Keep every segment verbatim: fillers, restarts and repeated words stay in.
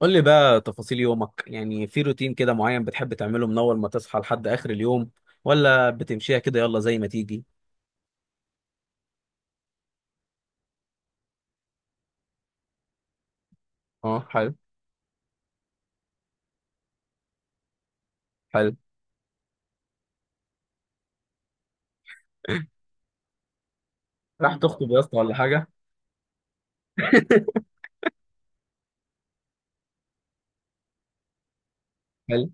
قول لي بقى تفاصيل يومك، يعني في روتين كده معين بتحب تعمله من اول ما تصحى لحد اخر اليوم، ولا بتمشيها كده يلا زي ما تيجي؟ اه، حلو. حلو. راح تخطب يا اسطى ولا حاجه؟ حلو.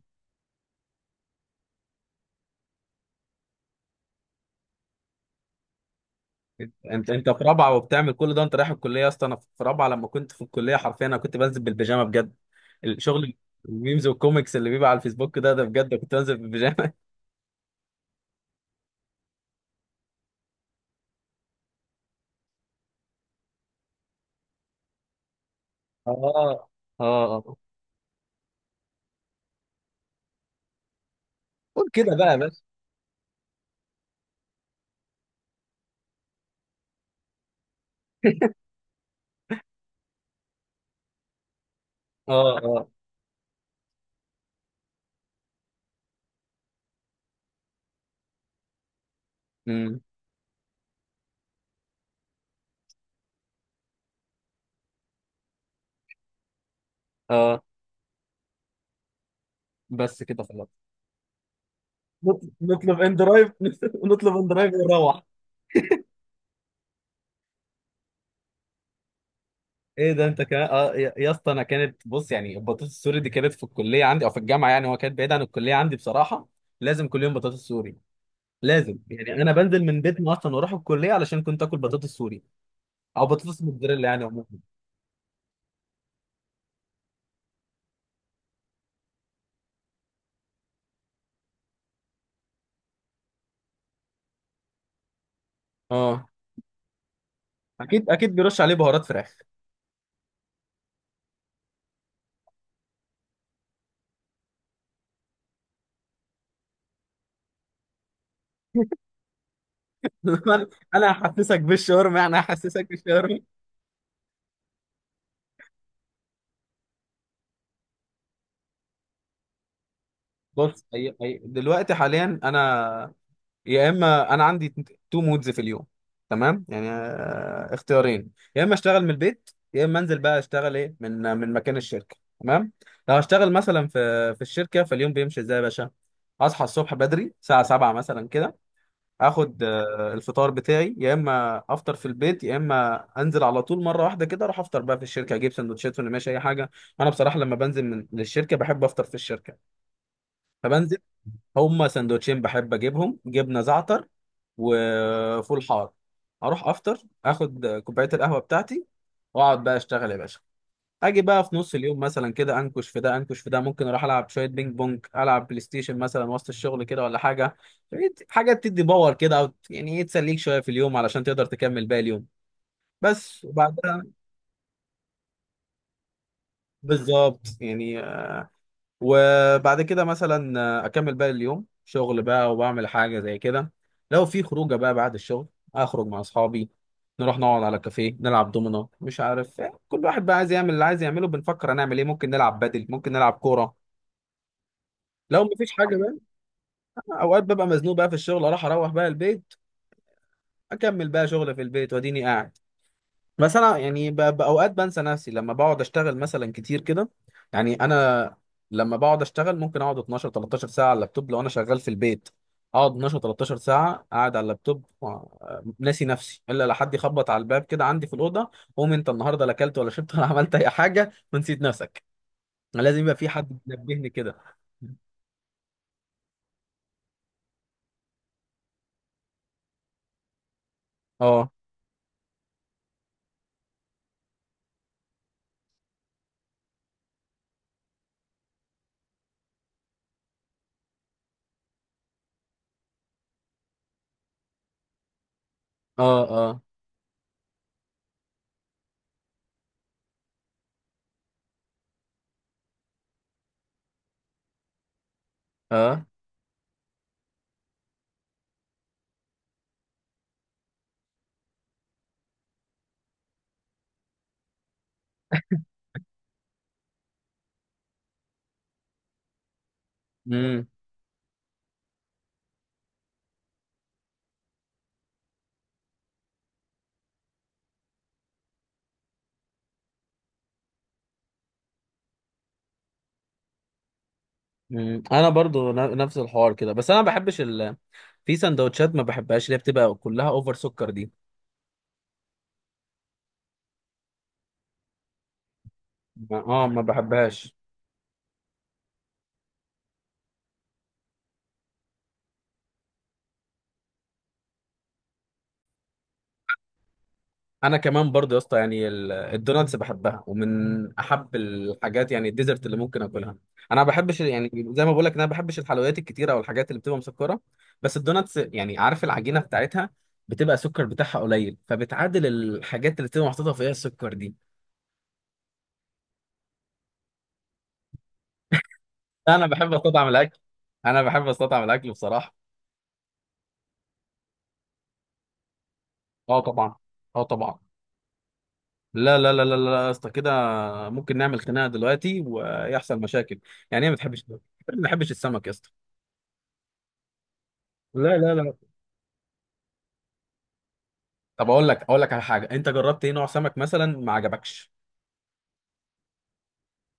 انت انت في رابعه وبتعمل كل ده؟ انت رايح الكليه يا اسطى؟ انا في رابعه لما كنت في الكليه حرفيا انا كنت بنزل بالبيجامه بجد. الشغل، الميمز والكوميكس اللي بيبقى على الفيسبوك ده ده بجد كنت بنزل بالبيجامه. اه اه اه. قول كده بقى يا باشا. اه اه. امم. اه. بس كده خلاص. نطل- نطلب ان درايف. نطلب ان درايف ونروح. ايه ده؟ انت كمان؟ اه، يا يا اسطى، انا كانت، بص يعني، البطاطس السوري دي كانت في الكليه عندي او في الجامعه، يعني هو كانت بعيد عن الكليه عندي بصراحه. لازم كل يوم بطاطس سوري. لازم يعني، انا بنزل من بيتنا اصلا واروح الكليه علشان كنت اكل بطاطس سوري، او بطاطس موتزاريلا يعني عموما. اه، اكيد اكيد بيرش عليه بهارات فراخ. انا، أنا هحسسك بالشاورما، يعني هحسسك بالشاورما. بص، أي أي دلوقتي حاليا انا، يا اما انا عندي تو مودز في اليوم، تمام؟ يعني آه، اختيارين، يا اما اشتغل من البيت، يا اما انزل بقى اشتغل ايه، من آه، من مكان الشركه، تمام؟ لو هشتغل مثلا في في الشركه، فاليوم بيمشي ازاي يا باشا؟ اصحى الصبح بدري الساعه سبعة مثلا كده، اخد آه، الفطار بتاعي، يا اما افطر في البيت، يا اما انزل على طول مره واحده كده اروح افطر بقى في الشركه، اجيب سندوتشات ولا ماشي اي حاجه. انا بصراحه لما بنزل من للشركه بحب افطر في الشركه. فبنزل، هما سندوتشين بحب اجيبهم، جبنه زعتر وفول حار. اروح افطر، اخد كوبايه القهوه بتاعتي، واقعد بقى اشتغل يا باشا. اجي بقى في نص اليوم مثلا كده، انكش في ده انكش في ده، ممكن اروح العب شويه بينج بونج، العب بلاي ستيشن مثلا وسط الشغل كده ولا حاجه. حاجه تدي باور كده، او يعني ايه، تسليك شويه في اليوم علشان تقدر تكمل باقي اليوم. بس. وبعدها بالظبط يعني، وبعد كده مثلا اكمل باقي اليوم شغل بقى، وبعمل حاجه زي كده. لو في خروجه بقى بعد الشغل، اخرج مع اصحابي، نروح نقعد على كافيه نلعب دومينو مش عارف إيه. كل واحد بقى عايز يعمل اللي عايز يعمله، بنفكر هنعمل ايه، ممكن نلعب بدل، ممكن نلعب كوره. لو مفيش حاجه بقى، اوقات ببقى مزنوق بقى في الشغل، اروح اروح بقى البيت، اكمل بقى شغل في البيت واديني قاعد. بس انا يعني ب- باوقات بنسى نفسي لما بقعد اشتغل مثلا كتير كده. يعني انا لما بقعد اشتغل ممكن اقعد اثنا عشر تلتاشر ساعه على اللابتوب لو انا شغال في البيت، اقعد اتناشر تلتاشر ساعه قاعد على اللابتوب آه، ناسي نفسي، الا لحد يخبط على الباب كده عندي في الاوضه: قوم انت النهارده لا اكلت ولا شربت ولا عملت اي حاجه ونسيت نفسك. لازم يبقى في حد بينبهني كده. اه اه اه اه. مم. انا برضو ن- نفس الحوار كده، بس انا ما بحبش ال... في سندوتشات ما بحبهاش اللي هي بتبقى كلها اوفر سكر دي. ما- اه ما بحبهاش. انا كمان برضو يا اسطى يعني ال- الدوناتس بحبها، ومن احب الحاجات، يعني الديزرت اللي ممكن اكلها. انا ما بحبش ال- يعني زي ما بقول لك، انا ما بحبش الحلويات الكتيره او الحاجات اللي بتبقى مسكره، بس الدوناتس يعني عارف العجينه بتاعتها بتبقى السكر بتاعها قليل، فبتعادل الحاجات اللي بتبقى محطوطه فيها السكر دي. انا بحب استطعم الاكل، انا بحب استطعم الاكل بصراحه. اه طبعا. اه طبعا. لا لا لا لا لا يا اسطى، كده ممكن نعمل خناقه دلوقتي ويحصل مشاكل. يعني ايه ما بتحبش، ما بتحبش السمك يا اسطى؟ لا لا لا. طب اقول لك، اقول لك على حاجه، انت جربت ايه نوع سمك مثلا ما عجبكش؟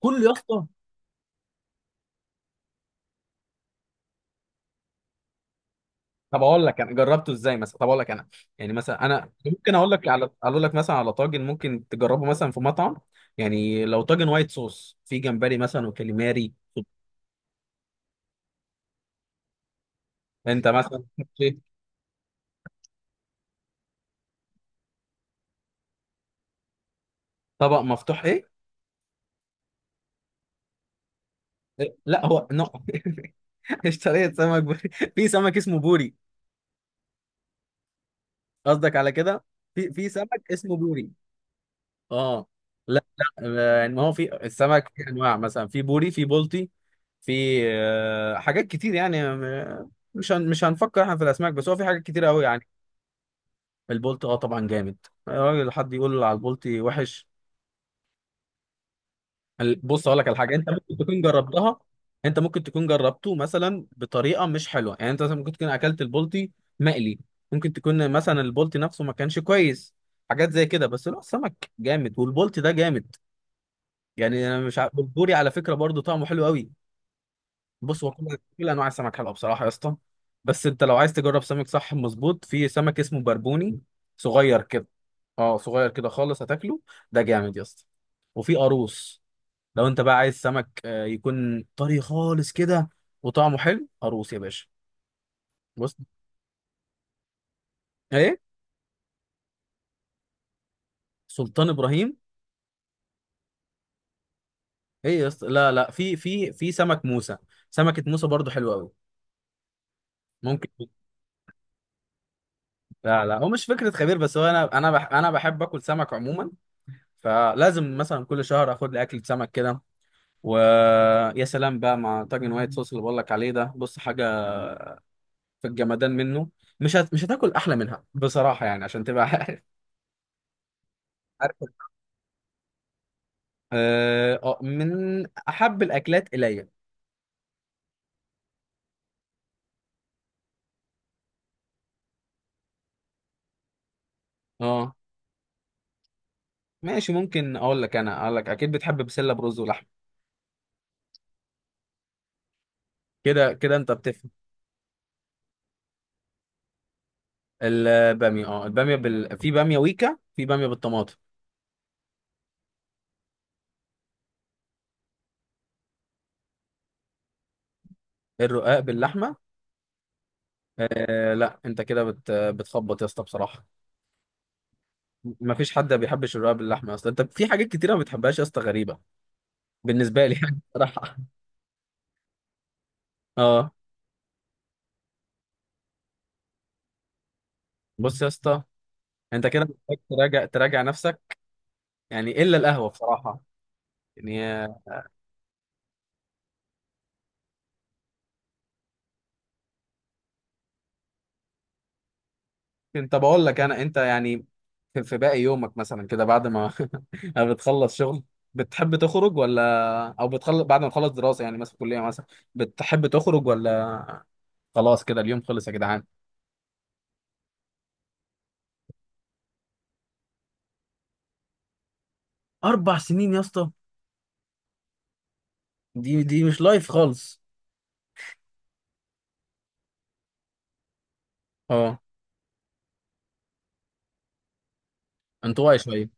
كل يا اسطى؟ طب اقول لك انا جربته ازاي مثلا، طب اقول لك انا، يعني مثلا انا ممكن اقول لك على، اقول لك مثلا على طاجن ممكن تجربه مثلا في مطعم، يعني لو طاجن وايت صوص في جمبري مثلا وكاليماري. انت مثلا، طبق مفتوح ايه؟ إيه؟ لا هو نوع. اشتريت سمك بوري، في سمك اسمه بوري. قصدك على كده؟ في في سمك اسمه بوري. اه. لا لا، آه، يعني ما هو في السمك في انواع، مثلا في بوري، في بولتي، في آه، حاجات كتير يعني، آه، مش هن مش هنفكر احنا في الاسماك، بس هو في حاجات كتير قوي يعني. البولتي اه طبعا جامد. آه، الراجل، حد يقول على البولتي وحش؟ ال- بص اقول لك على حاجه، انت ممكن تكون جربتها، انت ممكن تكون جربته مثلا بطريقه مش حلوه، يعني انت مثلا ممكن تكون اكلت البلطي مقلي، ممكن تكون مثلا البلطي نفسه ما كانش كويس، حاجات زي كده، بس لا السمك جامد والبلطي ده جامد. يعني انا مش عارف، البوري على فكره برضو طعمه حلو قوي. بص هو كل كل انواع السمك حلوه بصراحه يا اسطى. بس انت لو عايز تجرب سمك صح مظبوط، في سمك اسمه بربوني، صغير كده، اه صغير كده خالص، هتاكله ده جامد يا اسطى. وفي قاروص، لو انت بقى عايز سمك آه، يكون طري خالص كده وطعمه حلو، اروس يا باشا. بص. ايه؟ سلطان ابراهيم؟ ايه يا اسطى، لا لا، في في في سمك موسى، سمكة موسى برضو حلوة قوي، ممكن. لا لا، هو مش فكرة خبير، بس هو انا، انا بح انا بحب اكل سمك عموما، فلازم مثلا كل شهر اخد لي اكلة سمك كده. ويا سلام بقى مع طاجن وايت صوص اللي بقول لك عليه ده، بص حاجة في الجمدان منه، مش هت... مش هتاكل احلى منها بصراحة يعني، عشان تبقى. عارف؟ اه، آه، من احب الاكلات الي. اه ماشي، ممكن اقول لك انا، اقول لك اكيد بتحب بسله برز ولحم. كده كده انت بتفهم. الباميه اه، الباميه بال... في باميه ويكا، في باميه بالطماطم. الرقاق باللحمه؟ آه لا، انت كده بت... بتخبط يا اسطى بصراحه. مفيش حد ما بيحبش الرقاق باللحمه اصلا، انت في حاجات كتيره ما بتحبهاش يا اسطى، غريبه بالنسبه لي يعني بصراحه. اه، بص يا اسطى، انت كده محتاج تراجع، تراجع نفسك. يعني الا القهوه بصراحه يعني. انت بقول لك انا، انت يعني في في باقي يومك مثلا كده، بعد ما بتخلص شغل بتحب تخرج ولا؟ او بتخلص، بعد ما تخلص دراسة يعني، مثلا كلية مثلا، بتحب تخرج ولا؟ خلاص كده اليوم خلص يا جدعان؟ اربع سنين يا اسطى؟ دي دي مش لايف خالص. اه، انطوائي شوية.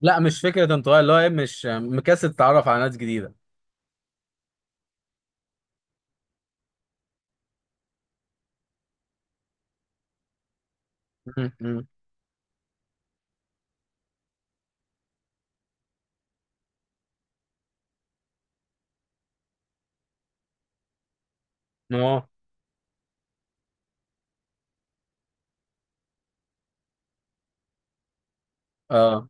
لا مش فكرة انطوائي، اللي هو ايه، مش مكسل تتعرف على ناس جديدة. م- م. اه اه.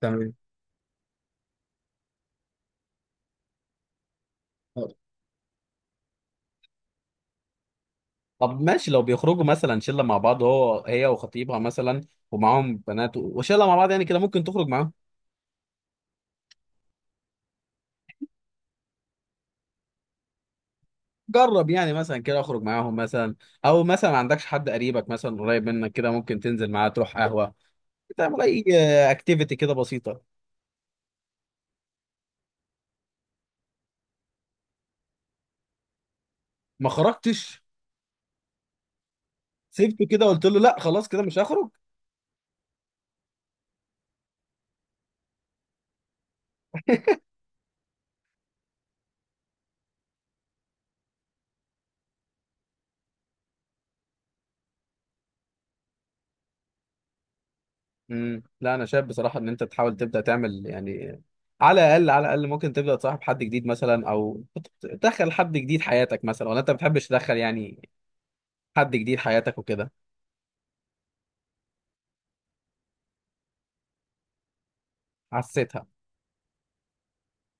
تمام. طب ماشي، لو بيخرجوا مثلا شله مع بعض، هو هي وخطيبها مثلا، ومعاهم بنات و- وشله مع بعض يعني، كده ممكن تخرج معاهم. جرب يعني مثلا كده، اخرج معاهم مثلا، او مثلا ما عندكش حد قريبك مثلا قريب منك كده ممكن تنزل معاه، تروح قهوه، تعمل اي اكتيفيتي كده بسيطه. ما خرجتش؟ سيبته كده، قلت له لا خلاص كده مش هخرج؟ امم. لا انا شايف بصراحه ان انت تحاول تبدا تعمل يعني، على الاقل، على الاقل ممكن تبدا تصاحب حد جديد مثلا، او تدخل حد جديد حياتك مثلا، ولا انت ما بتحبش تدخل يعني حد جديد حياتك وكده؟ حسيتها.